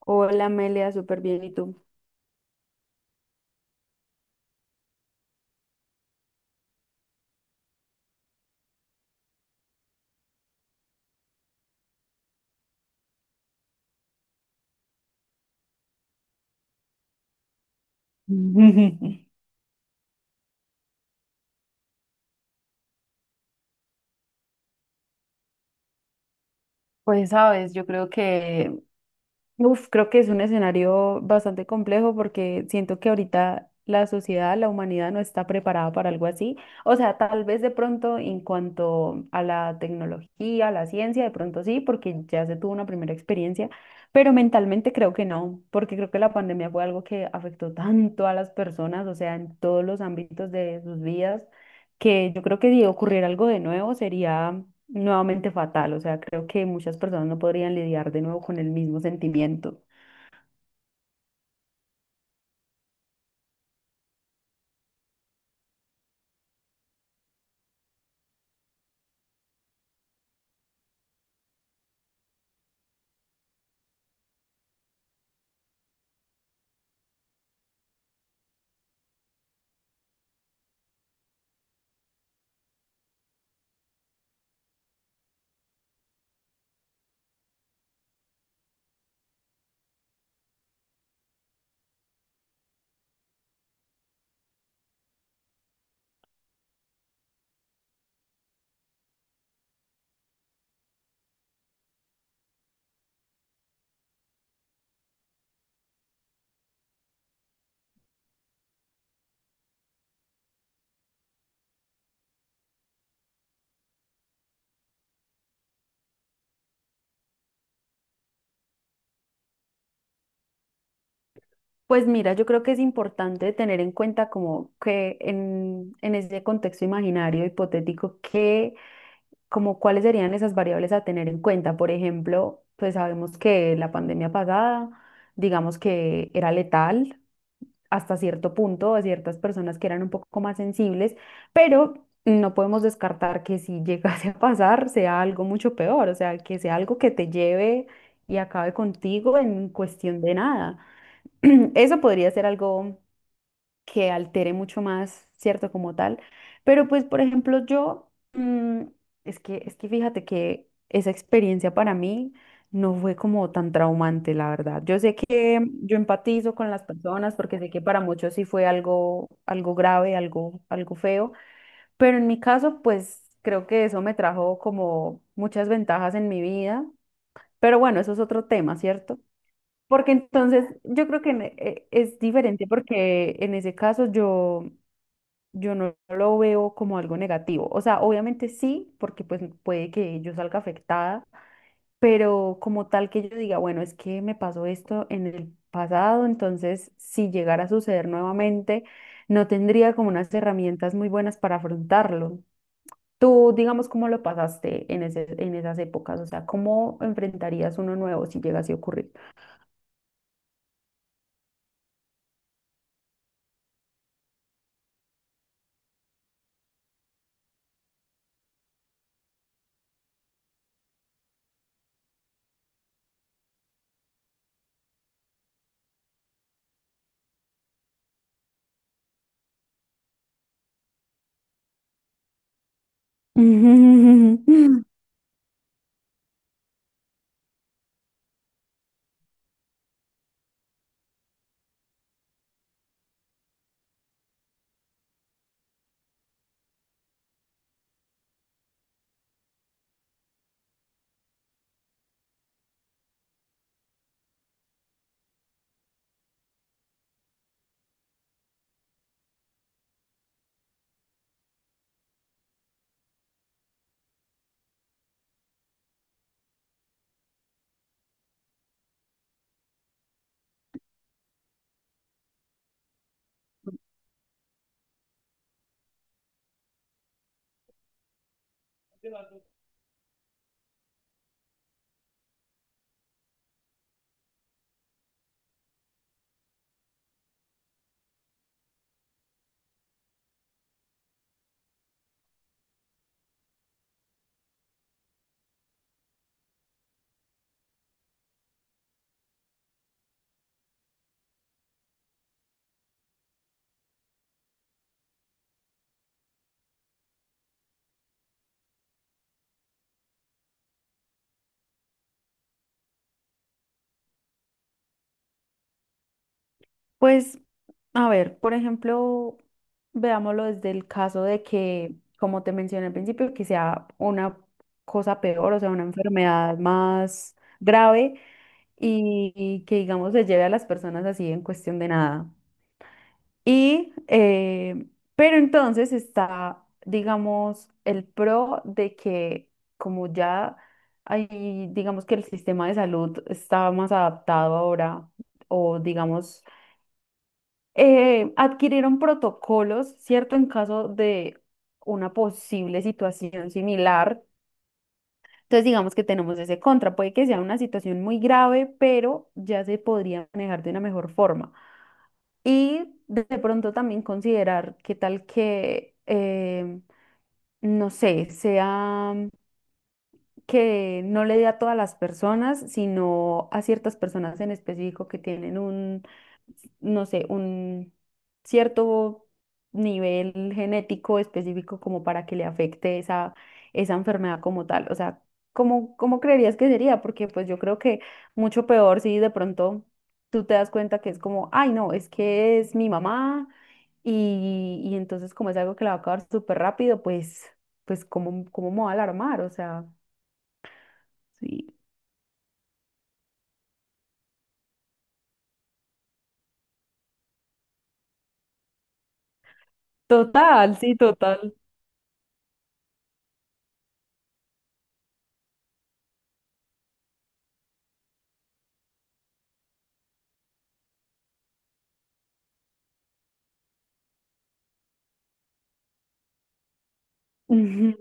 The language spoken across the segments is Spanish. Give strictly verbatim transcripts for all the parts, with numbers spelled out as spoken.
Hola Amelia, súper bien. ¿Y tú? Pues sabes, yo creo que, Uf, creo que es un escenario bastante complejo porque siento que ahorita la sociedad, la humanidad no está preparada para algo así. O sea, tal vez de pronto en cuanto a la tecnología, a la ciencia, de pronto sí, porque ya se tuvo una primera experiencia, pero mentalmente creo que no, porque creo que la pandemia fue algo que afectó tanto a las personas, o sea, en todos los ámbitos de sus vidas, que yo creo que si ocurriera algo de nuevo sería nuevamente fatal. O sea, creo que muchas personas no podrían lidiar de nuevo con el mismo sentimiento. Pues mira, yo creo que es importante tener en cuenta como que en, en ese contexto imaginario hipotético, que como cuáles serían esas variables a tener en cuenta. Por ejemplo, pues sabemos que la pandemia pasada, digamos que era letal, hasta cierto punto a ciertas personas que eran un poco más sensibles, pero no podemos descartar que si llegase a pasar sea algo mucho peor, o sea, que sea algo que te lleve y acabe contigo en cuestión de nada. Eso podría ser algo que altere mucho más, ¿cierto? Como tal. Pero pues, por ejemplo, yo, mm, es que, es que fíjate que esa experiencia para mí no fue como tan traumante, la verdad. Yo sé que mm, yo empatizo con las personas porque sé que para muchos sí fue algo, algo grave, algo, algo feo, pero en mi caso, pues creo que eso me trajo como muchas ventajas en mi vida. Pero bueno, eso es otro tema, ¿cierto? Porque entonces yo creo que en- eh, es diferente porque en ese caso yo yo no lo veo como algo negativo. O sea, obviamente sí, porque pues puede que yo salga afectada, pero como tal que yo diga, bueno, es que me pasó esto en el pasado, entonces si llegara a suceder nuevamente, no tendría como unas herramientas muy buenas para afrontarlo. Tú, digamos, ¿cómo lo pasaste en ese, en esas épocas? O sea, ¿cómo enfrentarías uno nuevo si llegase a ocurrir? Pues a ver, por ejemplo, veámoslo desde el caso de que, como te mencioné al principio, que sea una cosa peor, o sea, una enfermedad más grave y, y que, digamos, se lleve a las personas así en cuestión de nada. Y, eh, pero entonces está, digamos, el pro de que como ya hay, digamos que el sistema de salud está más adaptado ahora, o digamos eh, adquirieron protocolos, ¿cierto? En caso de una posible situación similar. Entonces, digamos que tenemos ese contra. Puede que sea una situación muy grave, pero ya se podría manejar de una mejor forma. Y de pronto también considerar qué tal que, eh, no sé, sea que no le dé a todas las personas, sino a ciertas personas en específico que tienen un, no sé, un cierto nivel genético específico como para que le afecte esa, esa enfermedad como tal. O sea, ¿cómo, cómo creerías que sería? Porque pues yo creo que mucho peor si de pronto tú te das cuenta que es como, ay, no, es que es mi mamá y, y entonces como es algo que la va a acabar súper rápido, pues, pues ¿cómo, cómo me va a alarmar? O sea... Sí, total, sí, total. Ujú.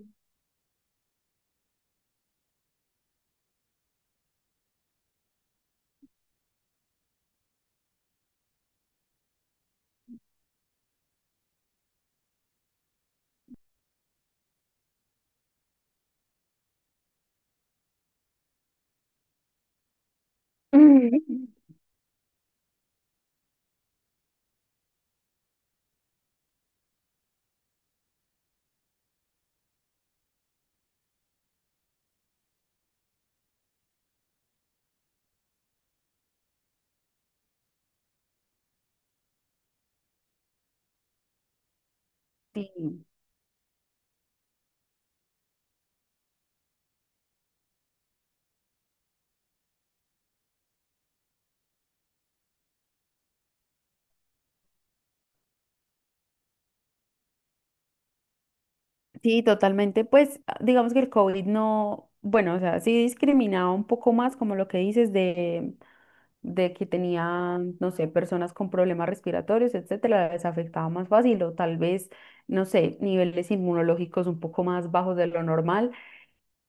Ujú. Sí, sí, totalmente. Pues ah, digamos que el COVID no, bueno, o sea, sí discriminaba un poco más como lo que dices de, de que tenía, no sé, personas con problemas respiratorios, etcétera, les afectaba más fácil o tal vez, no sé, niveles inmunológicos un poco más bajos de lo normal.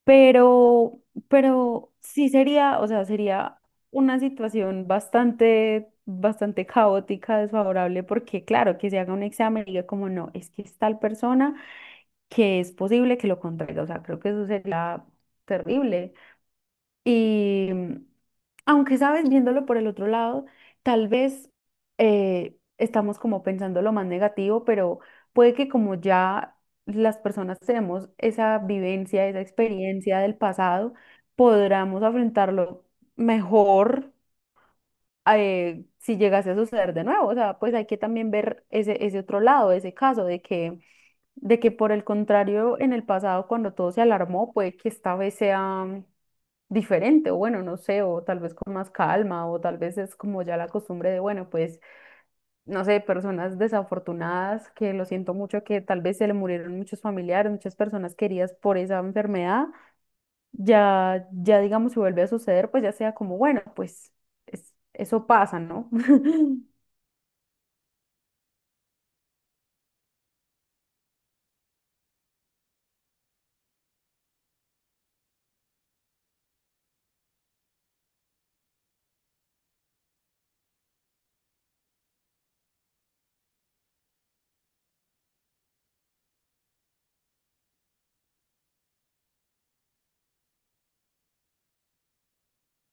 Pero, pero sí sería, o sea, sería una situación bastante, bastante caótica, desfavorable, porque claro, que se haga un examen y diga como no, es que es tal persona que es posible que lo contraiga. O sea, creo que eso sería terrible. Y aunque sabes, viéndolo por el otro lado, tal vez eh, estamos como pensando lo más negativo, pero puede que como ya las personas tenemos esa vivencia, esa experiencia del pasado, podamos afrontarlo mejor eh, si llegase a suceder de nuevo. O sea, pues hay que también ver ese, ese otro lado, ese caso de que, de que por el contrario, en el pasado, cuando todo se alarmó, puede que esta vez sea diferente, o bueno, no sé, o tal vez con más calma, o tal vez es como ya la costumbre de, bueno, pues, no sé, personas desafortunadas, que lo siento mucho, que tal vez se le murieron muchos familiares, muchas personas queridas por esa enfermedad, ya, ya digamos, si vuelve a suceder, pues ya sea como, bueno, pues es- eso pasa, ¿no?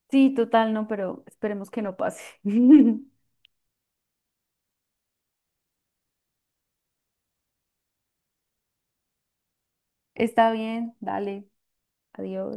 Sí, total, no, pero esperemos que no pase. Está bien, dale, adiós.